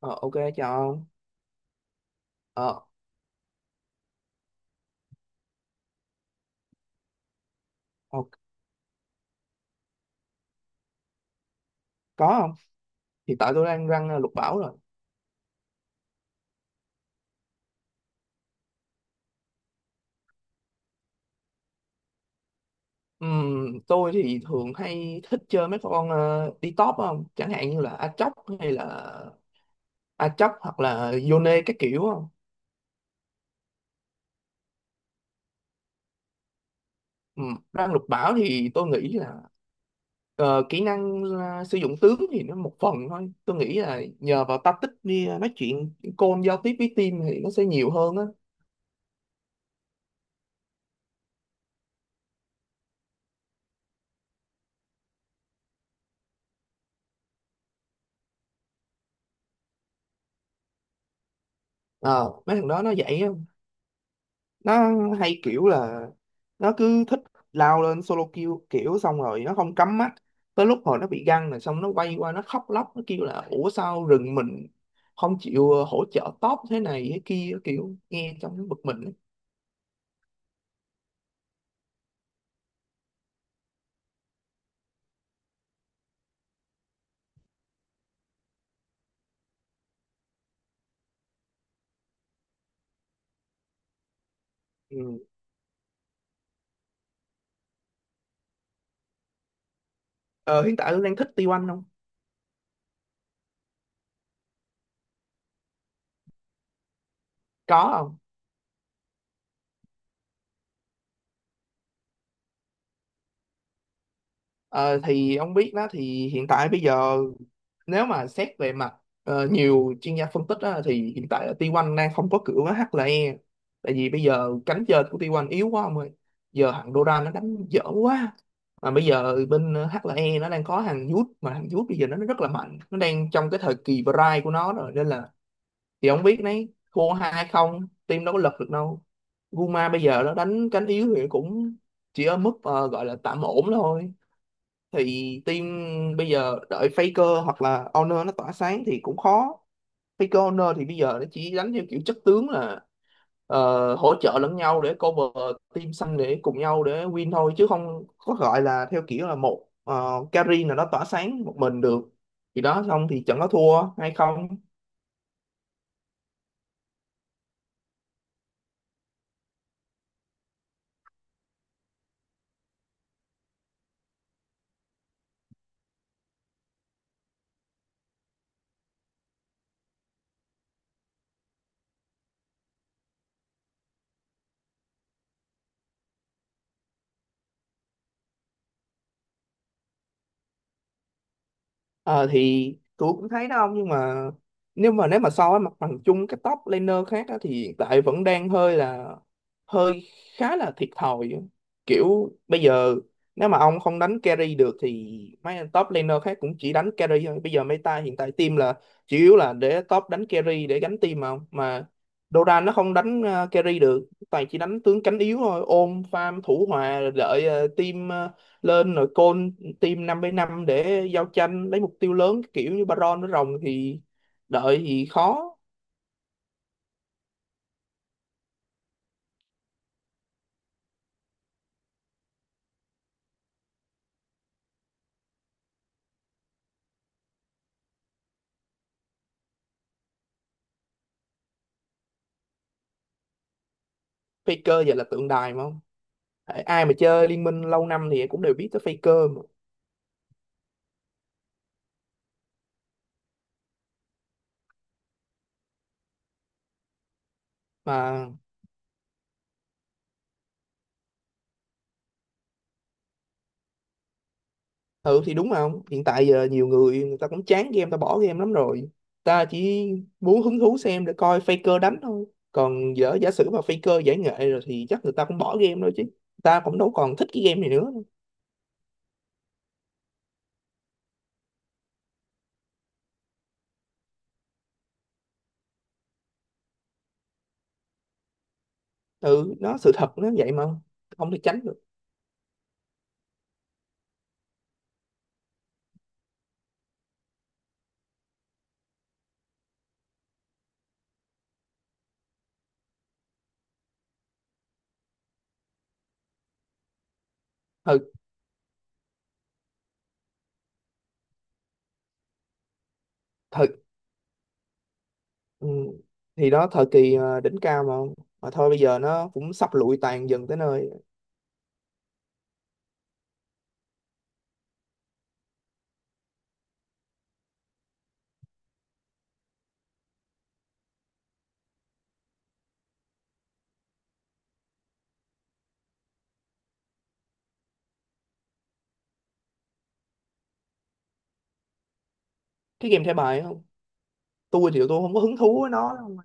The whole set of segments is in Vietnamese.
Ờ, ok, chào ông. Ờ, ờ, có không? Hiện tại tôi đang răng lục bảo rồi. Tôi thì thường hay thích chơi mấy con đi top không? Chẳng hạn như là hay là Aatrox hoặc là Yone các kiểu không? Răng lục bảo thì tôi nghĩ là kỹ năng sử dụng tướng thì nó một phần thôi. Tôi nghĩ là nhờ vào tactics đi nói chuyện call giao tiếp với team thì nó sẽ nhiều hơn á. Ờ, mấy thằng đó nó vậy á. Nó hay kiểu là nó cứ thích lao lên solo kill kiểu xong rồi nó không cắm mắt, tới lúc hồi nó bị găng rồi xong nó quay qua nó khóc lóc nó kêu là ủa sao rừng mình không chịu hỗ trợ top thế này thế kia, kiểu nghe trong nó bực mình ấy. Ừ. ờ, Hiện tại Hương đang thích T1 không. Có không. Ờ, thì ông biết đó, thì hiện tại bây giờ nếu mà xét về mặt nhiều chuyên gia phân tích á, thì hiện tại là T1 đang không có cửa với HLE, tại vì bây giờ cánh trên của T1 yếu quá ông ơi. Giờ thằng Doran nó đánh dở quá, mà bây giờ bên HLE nó đang có thằng Youth, mà thằng Youth bây giờ nó rất là mạnh, nó đang trong cái thời kỳ prime của nó rồi nên là thì ông biết đấy, thua hai không team đâu có lật được đâu. Guma bây giờ nó đánh cánh yếu thì cũng chỉ ở mức gọi là tạm ổn thôi. Thì team bây giờ đợi Faker hoặc là Honor nó tỏa sáng thì cũng khó. Faker Honor thì bây giờ nó chỉ đánh theo kiểu chất tướng là hỗ trợ lẫn nhau để cover team xanh để cùng nhau để win thôi, chứ không có gọi là theo kiểu là một carry nào đó tỏa sáng một mình được. Thì đó, xong thì trận nó thua hay không. Ờ thì tôi cũng thấy đó ông, nhưng mà nếu mà so với mặt bằng chung các top laner khác á, thì hiện tại vẫn đang hơi là hơi khá là thiệt thòi. Kiểu bây giờ nếu mà ông không đánh carry được thì mấy anh top laner khác cũng chỉ đánh carry thôi. Bây giờ meta hiện tại team là chủ yếu là để top đánh carry để gánh team mà ông. Mà Doran nó không đánh carry được, toàn chỉ đánh tướng cánh yếu thôi, ôm farm thủ hòa rồi đợi team lên rồi call team 5 với 5 để giao tranh lấy mục tiêu lớn kiểu như Baron với Rồng, thì đợi thì khó. Faker giờ là tượng đài mà không. Tại ai mà chơi Liên Minh lâu năm thì cũng đều biết tới Faker mà. Mà thử thì đúng không, hiện tại giờ nhiều người người ta cũng chán game, ta bỏ game lắm rồi, ta chỉ muốn hứng thú xem để coi Faker đánh thôi. Còn giờ giả sử mà Faker giải nghệ rồi thì chắc người ta cũng bỏ game thôi chứ, ta cũng đâu còn thích cái game này nữa. Ừ nó sự thật nó vậy mà, không thể tránh được. Thời thời Ừ. Thì đó thời kỳ đỉnh cao mà không? Mà thôi bây giờ nó cũng sắp lụi tàn dần tới nơi. Cái game thẻ bài không? Tôi thì tôi không có hứng thú với nó đâu.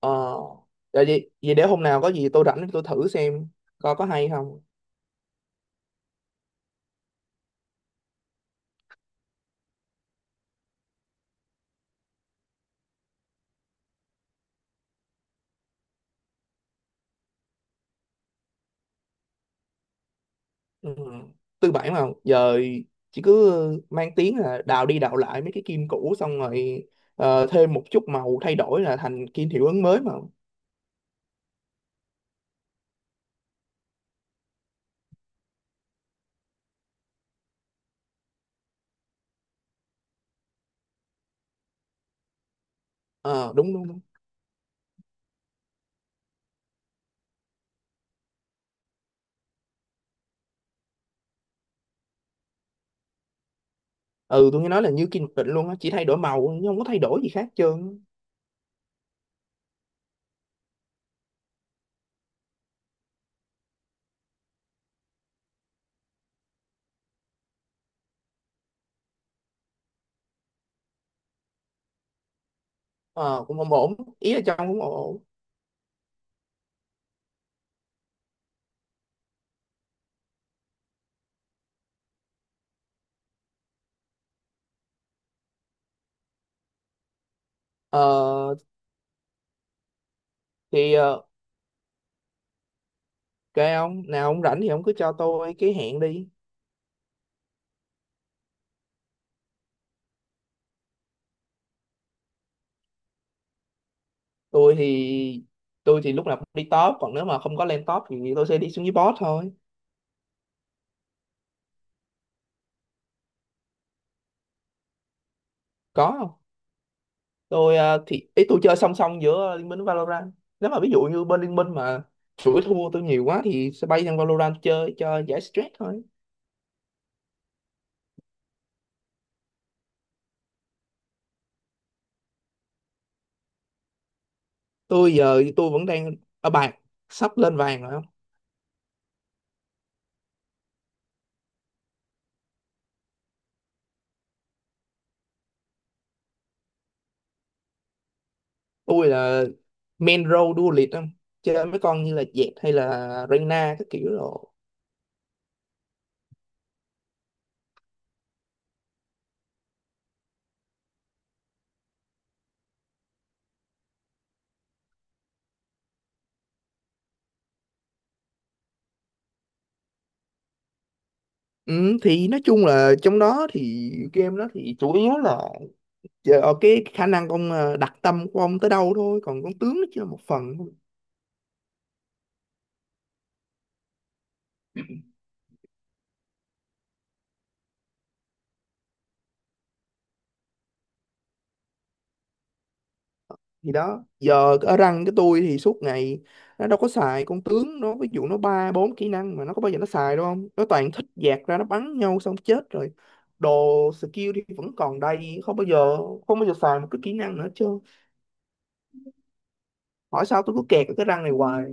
Ờ. Vậy, vậy để hôm nào có gì tôi rảnh tôi thử xem coi có hay không. Ừ. Tư bản mà. Giờ chỉ cứ mang tiếng là đào đi đào lại mấy cái kim cũ xong rồi thêm một chút màu thay đổi là thành kim hiệu ứng mới mà. Ờ đúng đúng đúng. Ừ tôi nghe nói là như kim định luôn á, chỉ thay đổi màu chứ không có thay đổi gì khác hết trơn á. Ờ, cũng không ổn, ý là trong cũng ổn. Ờ, thì kệ ông nào ông rảnh thì ông cứ cho tôi cái hẹn đi. Tôi thì tôi thì lúc nào cũng đi top, còn nếu mà không có lên top thì tôi sẽ đi xuống dưới bot thôi. Có không. Tôi ờ, thì ý tôi chơi song song giữa Liên Minh với Valorant, nếu mà ví dụ như bên Liên Minh mà chuỗi thua tôi nhiều quá thì sẽ bay sang Valorant chơi cho giải stress thôi. Tôi giờ tôi vẫn đang ở bạc, sắp lên vàng rồi. Tôi là main role đua liệt không, chơi mấy con như là Jett hay là Reyna các kiểu rồi. Ừ, thì nói chung là trong đó thì game đó thì chủ yếu là chờ ở cái khả năng ông đặt tâm của ông tới đâu thôi, còn con tướng nó chỉ là một phần thôi. Thì đó giờ ở rank, cái tôi thì suốt ngày nó đâu có xài con tướng, nó ví dụ nó ba bốn kỹ năng mà nó có bao giờ nó xài đâu không, nó toàn thích dạt ra nó bắn nhau xong chết rồi, đồ skill thì vẫn còn đầy, không bao giờ không bao giờ xài một cái kỹ năng nữa chứ. Hỏi sao tôi cứ kẹt ở cái răng này hoài.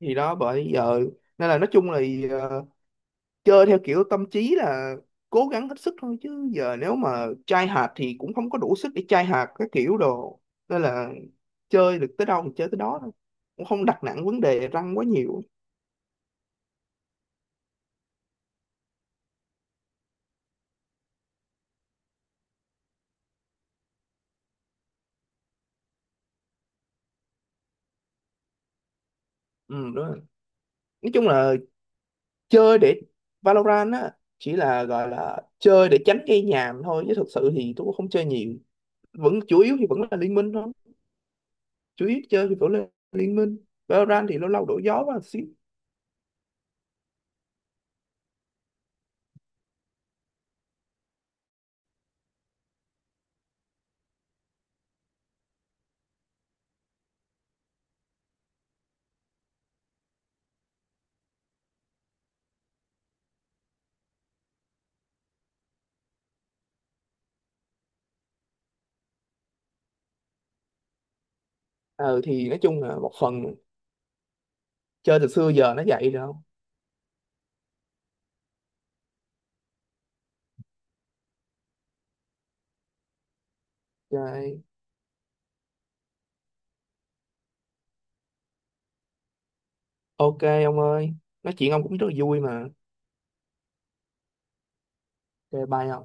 Thì đó bởi giờ nên là nói chung là ờ, chơi theo kiểu tâm trí là cố gắng hết sức thôi, chứ giờ nếu mà chai hạt thì cũng không có đủ sức để chai hạt các kiểu đồ, nên là chơi được tới đâu thì chơi tới đó thôi, cũng không đặt nặng vấn đề răng quá nhiều. Ừ đúng rồi. Nói chung là chơi để Valorant á chỉ là gọi là chơi để tránh gây nhàm thôi, chứ thực sự thì tôi cũng không chơi nhiều, vẫn chủ yếu thì vẫn là liên minh thôi. Chủ yếu chơi thì vẫn là liên minh, Valorant thì lâu lâu đổi gió và một xíu. Ờ thì nói chung là một phần chơi từ xưa giờ nó vậy rồi không. Ok ông ơi, nói chuyện ông cũng rất là vui mà. Chơi bye ông.